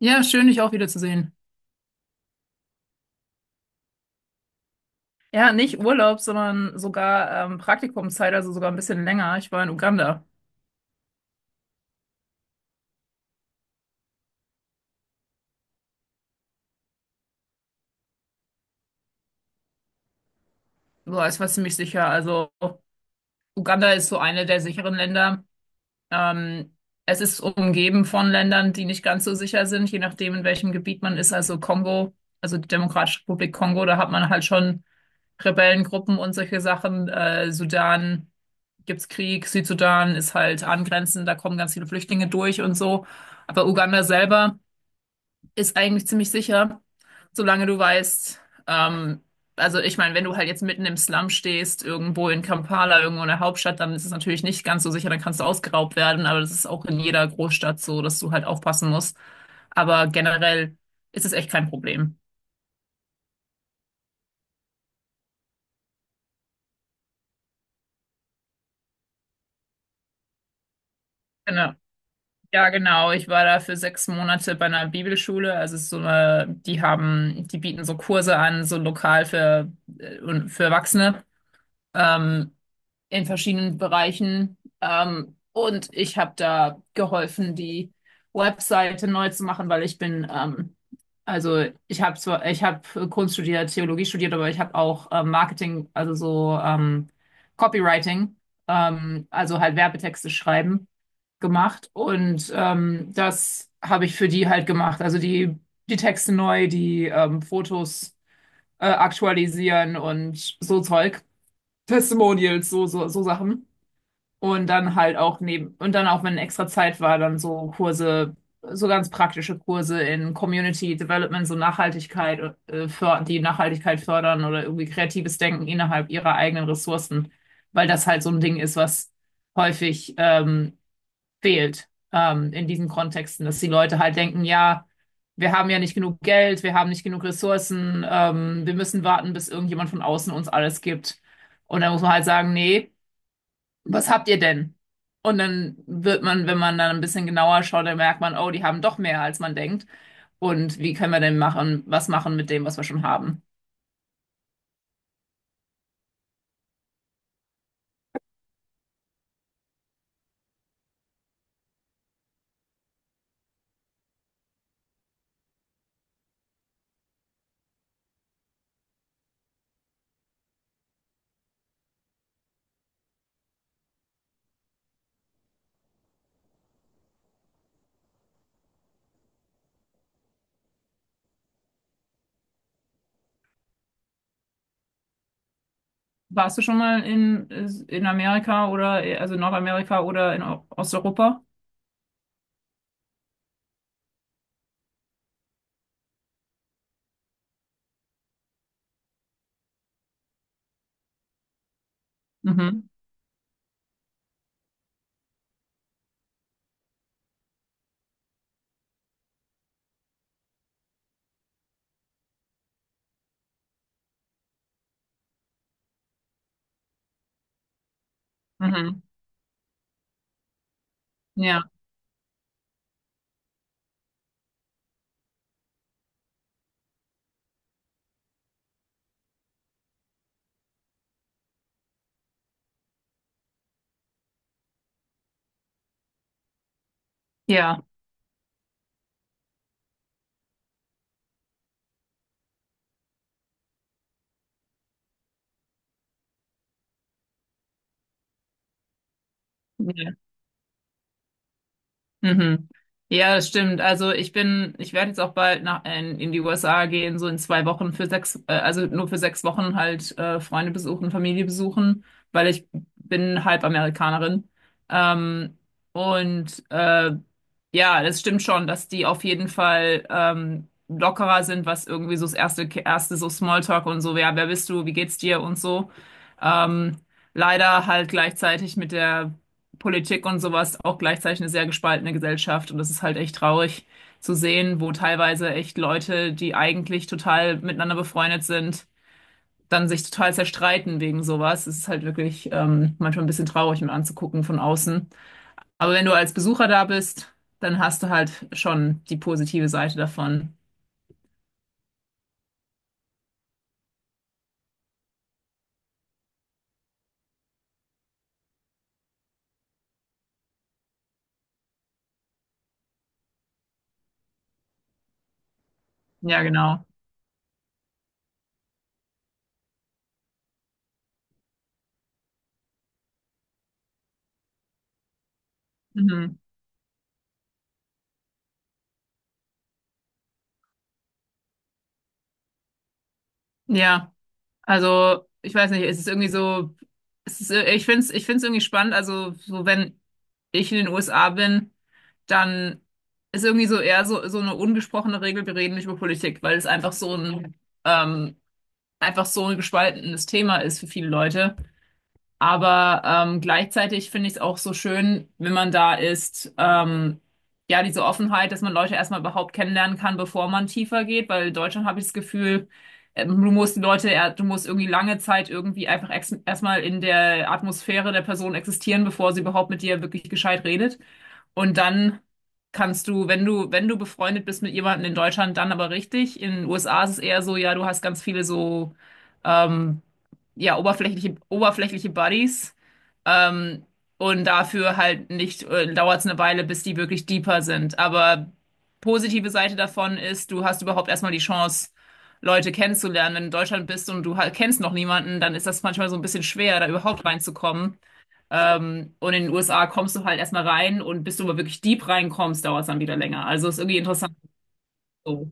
Ja, schön, dich auch wieder zu sehen. Ja, nicht Urlaub, sondern sogar Praktikumszeit, also sogar ein bisschen länger. Ich war in Uganda. Boah, ich war ziemlich sicher. Also Uganda ist so eine der sicheren Länder. Ähm, Es ist umgeben von Ländern, die nicht ganz so sicher sind, je nachdem, in welchem Gebiet man ist. Also Kongo, also die Demokratische Republik Kongo, da hat man halt schon Rebellengruppen und solche Sachen. Sudan gibt's Krieg, Südsudan ist halt angrenzend, da kommen ganz viele Flüchtlinge durch und so. Aber Uganda selber ist eigentlich ziemlich sicher, solange du weißt, ähm, also ich meine, wenn du halt jetzt mitten im Slum stehst, irgendwo in Kampala, irgendwo in der Hauptstadt, dann ist es natürlich nicht ganz so sicher, dann kannst du ausgeraubt werden, aber das ist auch in jeder Großstadt so, dass du halt aufpassen musst. Aber generell ist es echt kein Problem. Genau. Ja, genau. Ich war da für 6 Monate bei einer Bibelschule. Also es ist so eine, die bieten so Kurse an, so lokal für, und für Erwachsene. Ähm, in verschiedenen Bereichen. Und ich habe da geholfen, die Webseite neu zu machen, weil also ich habe Kunst studiert, Theologie studiert, aber ich habe auch Marketing, also so Copywriting, also halt Werbetexte schreiben gemacht. Und das habe ich für die halt gemacht. Also die Texte neu, die Fotos aktualisieren und so Zeug. Testimonials, so Sachen. Und dann halt auch neben, und dann auch, wenn extra Zeit war, dann so Kurse, so ganz praktische Kurse in Community Development, so Nachhaltigkeit, die Nachhaltigkeit fördern oder irgendwie kreatives Denken innerhalb ihrer eigenen Ressourcen, weil das halt so ein Ding ist, was häufig fehlt in diesen Kontexten, dass die Leute halt denken, ja, wir haben ja nicht genug Geld, wir haben nicht genug Ressourcen, wir müssen warten, bis irgendjemand von außen uns alles gibt. Und dann muss man halt sagen, nee, was habt ihr denn? Und dann wird man, wenn man dann ein bisschen genauer schaut, dann merkt man, oh, die haben doch mehr, als man denkt. Und wie können wir denn machen, was machen mit dem, was wir schon haben? Warst du schon mal in Amerika oder, also in Nordamerika oder in Osteuropa? Mhm. Mhm. Ja, ja. Ja. Mhm. Ja, das stimmt. Also ich werde jetzt auch bald nach in die USA gehen, so in 2 Wochen für sechs, also nur für 6 Wochen halt Freunde besuchen, Familie besuchen, weil ich bin halb Amerikanerin. Ähm, und äh, ja, das stimmt schon, dass die auf jeden Fall lockerer sind, was irgendwie so das erste so Smalltalk und so, ja, wer bist du, wie geht's dir und so. Ähm, Leider halt gleichzeitig mit der Politik und sowas auch gleichzeitig eine sehr gespaltene Gesellschaft. Und das ist halt echt traurig zu sehen, wo teilweise echt Leute, die eigentlich total miteinander befreundet sind, dann sich total zerstreiten wegen sowas. Es ist halt wirklich manchmal ein bisschen traurig, mir anzugucken von außen. Aber wenn du als Besucher da bist, dann hast du halt schon die positive Seite davon. Ja, genau. Mhm. Ja. Also, ich weiß nicht, es ist irgendwie so, ich find's irgendwie spannend. Also, so wenn ich in den USA bin, dann ist irgendwie so eher so eine ungesprochene Regel, wir reden nicht über Politik, weil es ähm, einfach so ein gespaltenes Thema ist für viele Leute. Aber gleichzeitig finde ich es auch so schön, wenn man da ist, ja, diese Offenheit, dass man Leute erstmal überhaupt kennenlernen kann, bevor man tiefer geht, weil in Deutschland habe ich das Gefühl, du musst du musst irgendwie lange Zeit irgendwie einfach erstmal in der Atmosphäre der Person existieren, bevor sie überhaupt mit dir wirklich gescheit redet. Und dann kannst du, wenn du befreundet bist mit jemandem in Deutschland, dann aber richtig. In den USA ist es eher so, ja, du hast ganz viele so, ähm, ja, oberflächliche Buddies. Ähm, und dafür halt nicht, dauert es eine Weile, bis die wirklich deeper sind. Aber positive Seite davon ist, du hast überhaupt erstmal die Chance, Leute kennenzulernen. Wenn du in Deutschland bist und du halt kennst noch niemanden, dann ist das manchmal so ein bisschen schwer, da überhaupt reinzukommen. Und in den USA kommst du halt erstmal rein und bis du aber wirklich deep reinkommst, dauert es dann wieder länger. Also ist irgendwie interessant. So.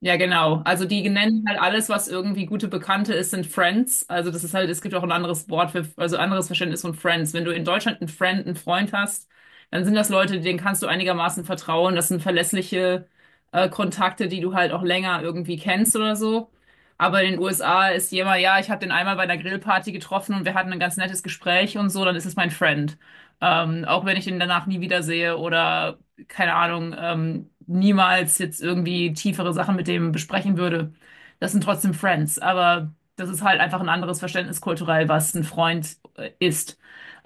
Ja, genau. Also die nennen halt alles, was irgendwie gute Bekannte ist, sind Friends. Also das ist halt, es gibt auch ein anderes Wort für, also anderes Verständnis von Friends. Wenn du in Deutschland einen Friend, einen Freund hast, dann sind das Leute, denen kannst du einigermaßen vertrauen. Das sind verlässliche Kontakte, die du halt auch länger irgendwie kennst oder so. Aber in den USA ist jemand, ja, ich habe den einmal bei einer Grillparty getroffen und wir hatten ein ganz nettes Gespräch und so, dann ist es mein Friend. Auch wenn ich ihn danach nie wiedersehe oder keine Ahnung, niemals jetzt irgendwie tiefere Sachen mit dem besprechen würde. Das sind trotzdem Friends, aber das ist halt einfach ein anderes Verständnis kulturell, was ein Freund ist.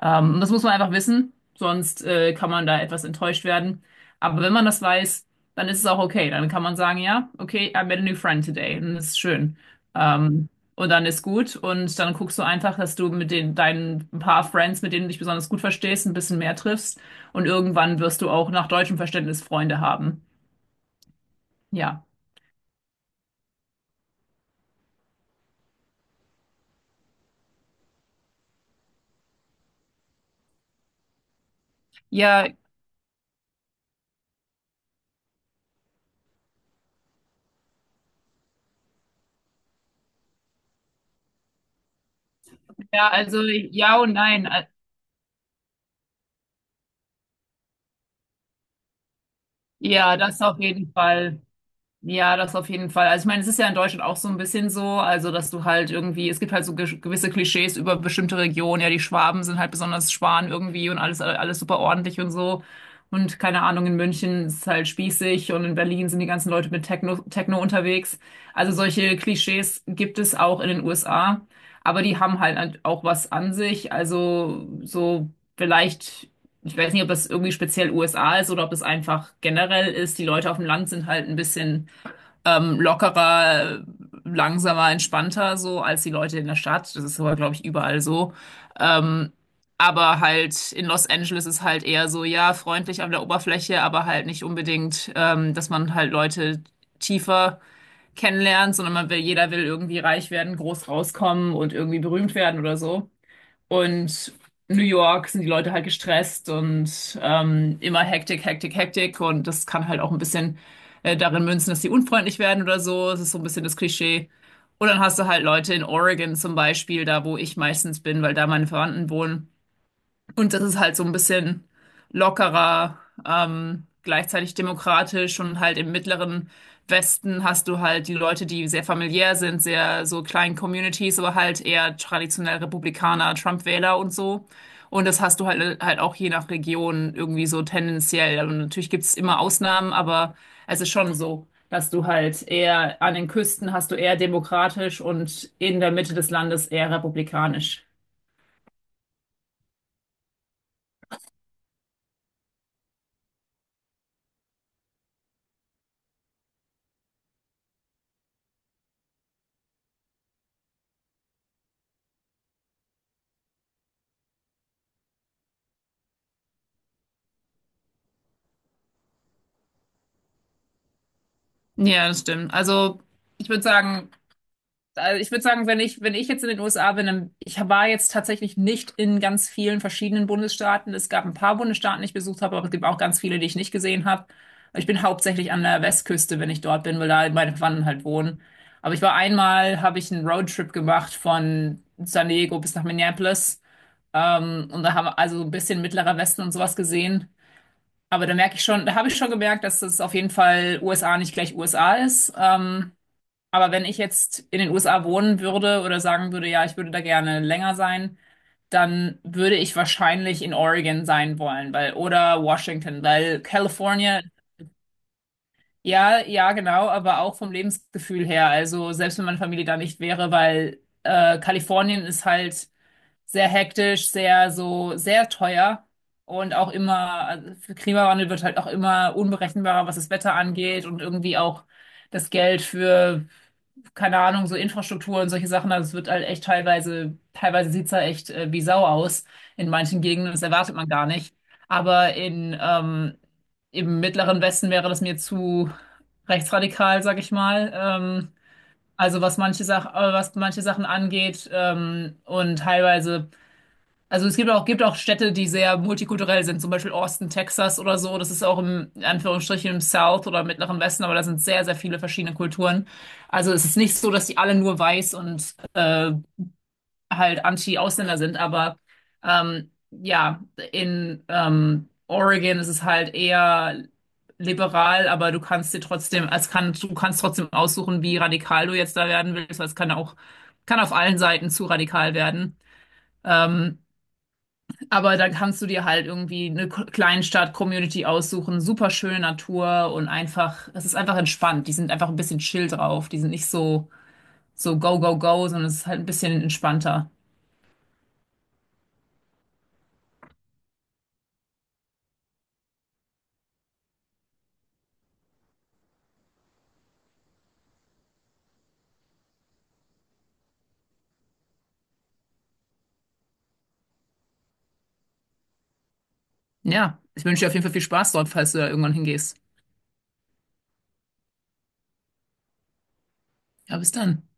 Und das muss man einfach wissen, sonst kann man da etwas enttäuscht werden. Aber wenn man das weiß, dann ist es auch okay. Dann kann man sagen, ja, okay, I met a new friend today. Und das ist schön. Ähm, und dann ist gut. Und dann guckst du einfach, dass du mit den, deinen paar Friends, mit denen du dich besonders gut verstehst, ein bisschen mehr triffst und irgendwann wirst du auch nach deutschem Verständnis Freunde haben. Ja. Ja, ja, also ja und nein. Ja, das auf jeden Fall. Ja, das auf jeden Fall. Also ich meine, es ist ja in Deutschland auch so ein bisschen so, also dass du halt irgendwie, es gibt halt so gewisse Klischees über bestimmte Regionen, ja, die Schwaben sind halt besonders Schwan irgendwie und alles, alles super ordentlich und so. Und keine Ahnung, in München ist es halt spießig und in Berlin sind die ganzen Leute mit Techno, Techno unterwegs. Also solche Klischees gibt es auch in den USA, aber die haben halt auch was an sich. Also so vielleicht ich weiß nicht, ob das irgendwie speziell USA ist oder ob es einfach generell ist. Die Leute auf dem Land sind halt ein bisschen lockerer, langsamer, entspannter so als die Leute in der Stadt. Das ist aber, glaube ich, überall so. Ähm, aber halt in Los Angeles ist halt eher so, ja, freundlich an der Oberfläche, aber halt nicht unbedingt, dass man halt Leute tiefer kennenlernt, sondern man will, jeder will irgendwie reich werden, groß rauskommen und irgendwie berühmt werden oder so. Und in New York sind die Leute halt gestresst und immer Hektik, Hektik, Hektik. Und das kann halt auch ein bisschen darin münzen, dass die unfreundlich werden oder so. Das ist so ein bisschen das Klischee. Und dann hast du halt Leute in Oregon zum Beispiel, da wo ich meistens bin, weil da meine Verwandten wohnen. Und das ist halt so ein bisschen lockerer, gleichzeitig demokratisch und halt im mittleren Westen hast du halt die Leute, die sehr familiär sind, sehr so kleinen Communities, aber halt eher traditionell Republikaner, Trump-Wähler und so. Und das hast du halt auch je nach Region irgendwie so tendenziell. Und natürlich gibt's immer Ausnahmen, aber es ist schon so, dass du halt eher an den Küsten hast du eher demokratisch und in der Mitte des Landes eher republikanisch. Ja, das stimmt. Ich würde sagen, also ich würde sagen, wenn ich jetzt in den USA bin, dann, ich war jetzt tatsächlich nicht in ganz vielen verschiedenen Bundesstaaten. Es gab ein paar Bundesstaaten, die ich besucht habe, aber es gibt auch ganz viele, die ich nicht gesehen habe. Ich bin hauptsächlich an der Westküste, wenn ich dort bin, weil da meine Verwandten halt wohnen. Aber ich war einmal, habe ich einen Roadtrip gemacht von San Diego bis nach Minneapolis. Und da haben wir also ein bisschen Mittlerer Westen und sowas gesehen. Aber da merke ich schon, da habe ich schon gemerkt, dass das auf jeden Fall USA nicht gleich USA ist. Aber wenn ich jetzt in den USA wohnen würde oder sagen würde, ja, ich würde da gerne länger sein, dann würde ich wahrscheinlich in Oregon sein wollen, weil oder Washington, weil California, ja, ja, genau, aber auch vom Lebensgefühl her. Also selbst wenn meine Familie da nicht wäre, weil Kalifornien ist halt sehr hektisch, sehr so, sehr teuer und auch immer, also für Klimawandel wird halt auch immer unberechenbarer, was das Wetter angeht und irgendwie auch das Geld für, keine Ahnung, so Infrastruktur und solche Sachen. Also es wird halt echt teilweise sieht's da echt wie Sau aus in manchen Gegenden. Das erwartet man gar nicht. Aber im Mittleren Westen wäre das mir zu rechtsradikal, sag ich mal. Also was manche Sachen angeht und teilweise also es gibt auch Städte, die sehr multikulturell sind, zum Beispiel Austin, Texas oder so. Das ist auch im, in Anführungsstrichen, im South oder Mittleren Westen, aber da sind sehr, sehr viele verschiedene Kulturen. Also es ist nicht so, dass die alle nur weiß und halt Anti-Ausländer sind, aber ja, in Oregon ist es halt eher liberal, aber du kannst dir trotzdem, es kann, du kannst trotzdem aussuchen, wie radikal du jetzt da werden willst, weil es kann auch, kann auf allen Seiten zu radikal werden. Ähm, aber da kannst du dir halt irgendwie eine Kleinstadt-Community aussuchen, super schöne Natur und einfach, es ist einfach entspannt. Die sind einfach ein bisschen chill drauf. Die sind nicht so, so go, go, go, sondern es ist halt ein bisschen entspannter. Ja, ich wünsche dir auf jeden Fall viel Spaß dort, falls du da irgendwann hingehst. Ja, bis dann.